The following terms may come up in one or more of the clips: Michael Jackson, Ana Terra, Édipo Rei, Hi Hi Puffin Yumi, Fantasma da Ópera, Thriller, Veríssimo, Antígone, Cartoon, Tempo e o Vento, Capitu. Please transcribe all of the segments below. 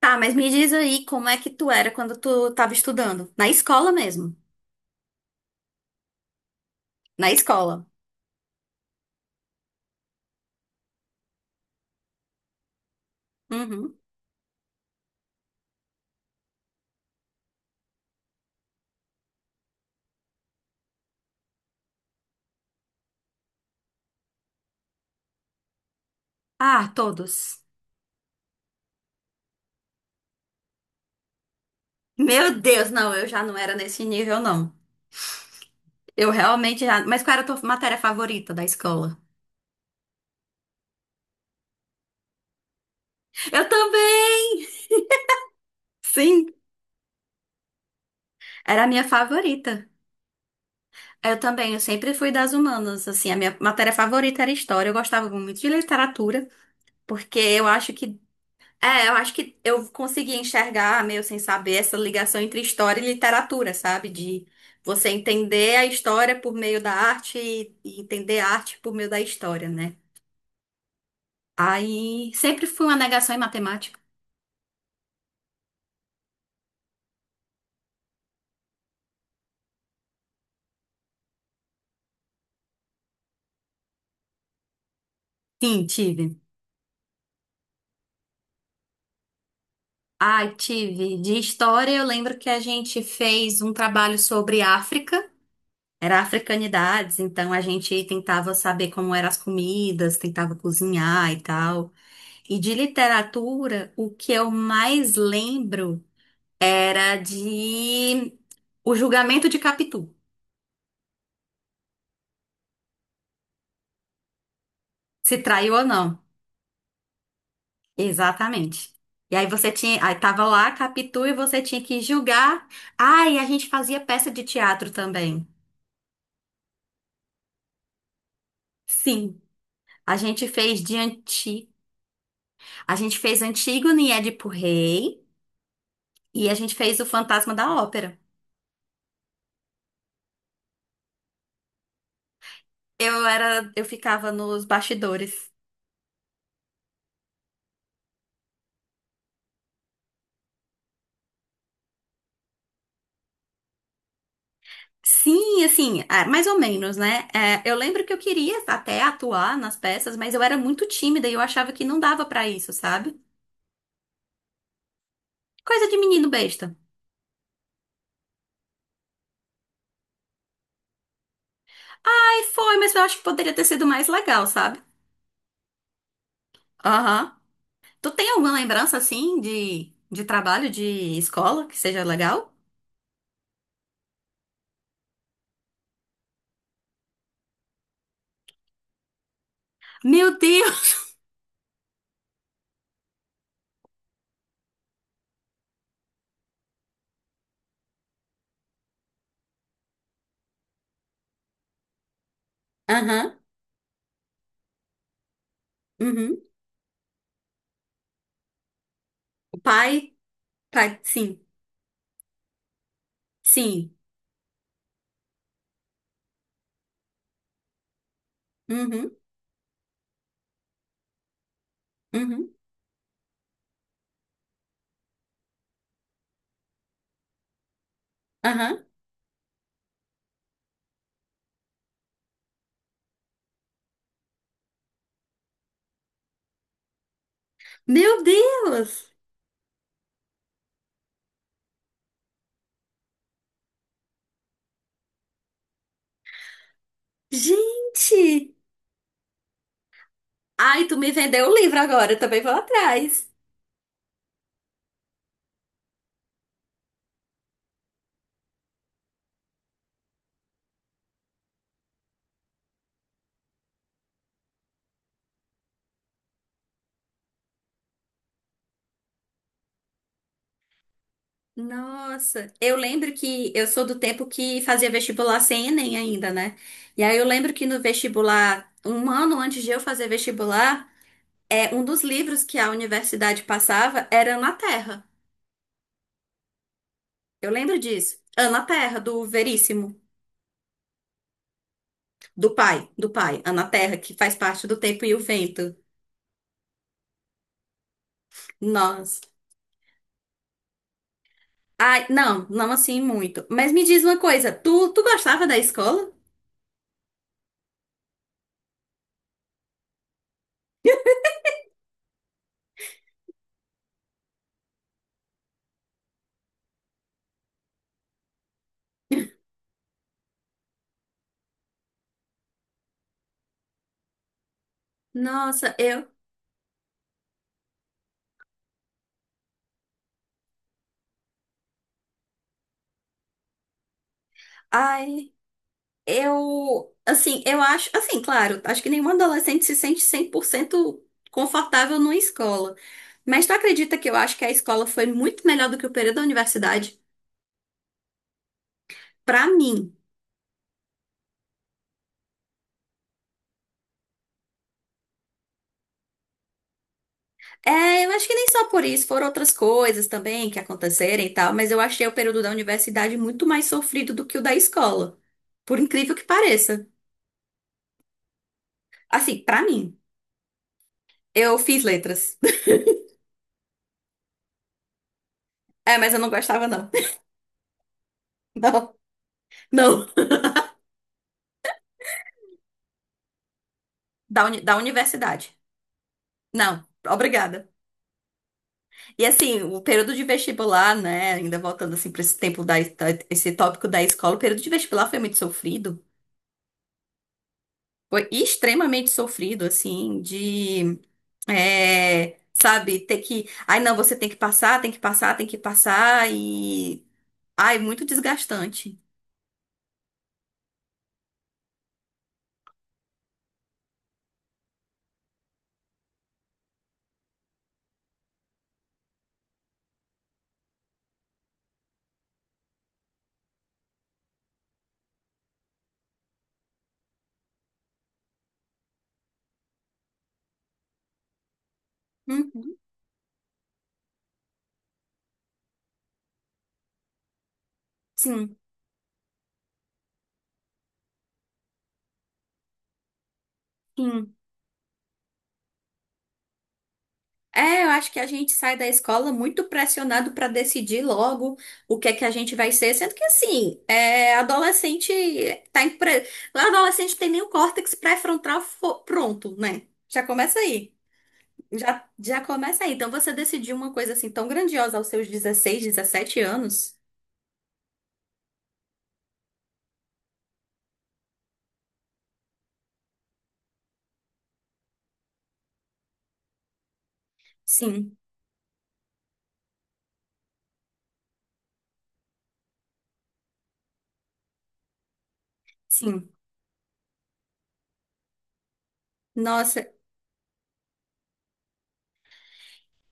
Tá, mas me diz aí como é que tu era quando tu tava estudando? Na escola mesmo. Na escola. Uhum. Ah, todos. Meu Deus, não, eu já não era nesse nível, não. Eu realmente já. Mas qual era a tua matéria favorita da escola? Eu também! Sim, era a minha favorita. Eu também, eu sempre fui das humanas, assim, a minha matéria favorita era história. Eu gostava muito de literatura, porque eu acho que é, eu acho que eu consegui enxergar, meio sem saber, essa ligação entre história e literatura, sabe? De você entender a história por meio da arte e entender a arte por meio da história, né? Aí sempre fui uma negação em matemática. Sim, tive. Ai, tive. De história, eu lembro que a gente fez um trabalho sobre África. Era africanidades, então a gente tentava saber como eram as comidas, tentava cozinhar e tal. E de literatura, o que eu mais lembro era de O Julgamento de Capitu, se traiu ou não. Exatamente. E aí você tinha, aí tava lá Capitu e você tinha que julgar. Ah, e a gente fazia peça de teatro também. Sim, a gente fez de anti, a gente fez Antígone e Édipo Rei e a gente fez o Fantasma da Ópera. Eu ficava nos bastidores. Sim, assim, ah, mais ou menos, né? É, eu lembro que eu queria até atuar nas peças, mas eu era muito tímida e eu achava que não dava pra isso, sabe? Coisa de menino besta. Aí foi, mas eu acho que poderia ter sido mais legal, sabe? Aham. Tu tem alguma lembrança, assim, de trabalho, de escola, que seja legal? Meu Deus! Aham, uhum. O Pai, pai, sim, sim. Uhum, uhum, aham. Meu Deus! Gente! Ai, tu me vendeu o livro agora, eu também vou atrás. Nossa, eu lembro que eu sou do tempo que fazia vestibular sem Enem ainda, né? E aí eu lembro que no vestibular, um ano antes de eu fazer vestibular, é um dos livros que a universidade passava era Ana Terra. Eu lembro disso. Ana Terra, do Veríssimo, do pai, Ana Terra, que faz parte do Tempo e o Vento. Nossa. Ai, não, não assim muito. Mas me diz uma coisa, tu gostava da escola? Nossa, eu Ai, eu, assim, eu acho, assim, claro, acho que nenhum adolescente se sente 100% confortável numa escola. Mas tu acredita que eu acho que a escola foi muito melhor do que o período da universidade? Pra mim. É, eu acho que nem só por isso, foram outras coisas também que aconteceram e tal, mas eu achei o período da universidade muito mais sofrido do que o da escola. Por incrível que pareça. Assim, pra mim, eu fiz letras. É, mas eu não gostava, não. Não, não. Da universidade. Não, obrigada. E assim, o período de vestibular, né? Ainda voltando assim para esse tempo esse tópico da escola, o período de vestibular foi muito sofrido. Foi extremamente sofrido, assim, de, é, sabe, ter que, ai não, você tem que passar, tem que passar, tem que passar e, ai, muito desgastante. Uhum. Sim, sim. É, eu acho que a gente sai da escola muito pressionado para decidir logo o que é que a gente vai ser, sendo que assim, é, tá em pré... adolescente tem nem o córtex pré-frontal pronto, né? Já começa aí. Já começa aí. Então você decidiu uma coisa assim tão grandiosa aos seus 16, 17 anos? Sim, sim. Nossa.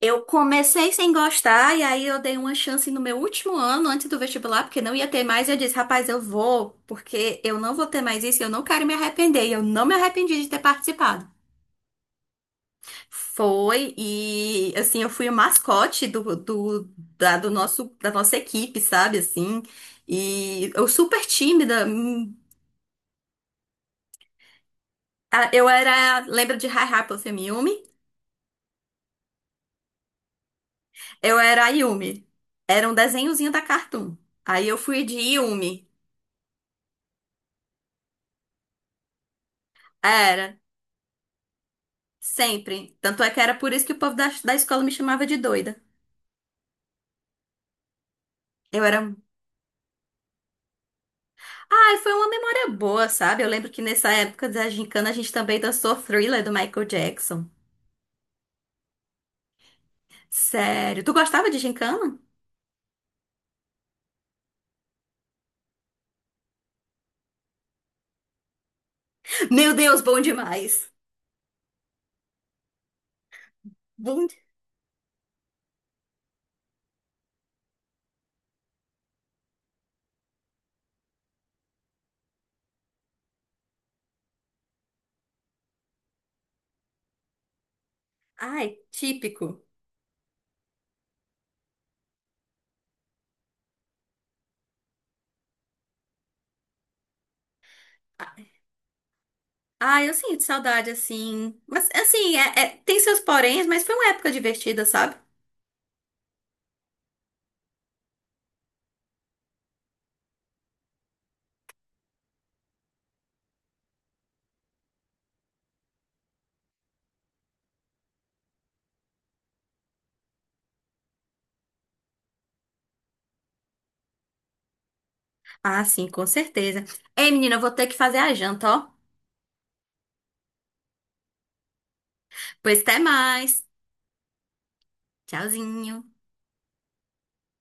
Eu comecei sem gostar e aí eu dei uma chance no meu último ano antes do vestibular, porque não ia ter mais. E eu disse, rapaz, eu vou, porque eu não vou ter mais isso, e eu não quero me arrepender. E eu não me arrependi de ter participado. Foi e assim, eu fui o mascote do, do, da, do nosso, da nossa equipe, sabe? Assim, e eu super tímida. Lembra de Hi Hi Puffin Yumi? Eu era a Yumi. Era um desenhozinho da Cartoon. Aí eu fui de Yumi. Era. Sempre. Tanto é que era por isso que o povo da escola me chamava de doida. Eu era. Ai, foi uma memória boa, sabe? Eu lembro que nessa época da gincana a gente também dançou Thriller do Michael Jackson. Sério. Tu gostava de gincana? Meu Deus, bom demais. Bom. Ai, típico. Ai, eu sinto saudade assim. Mas assim, tem seus poréns, mas foi uma época divertida, sabe? Ah, sim, com certeza. Ei, menina, eu vou ter que fazer a janta, ó. Pois até mais. Tchauzinho.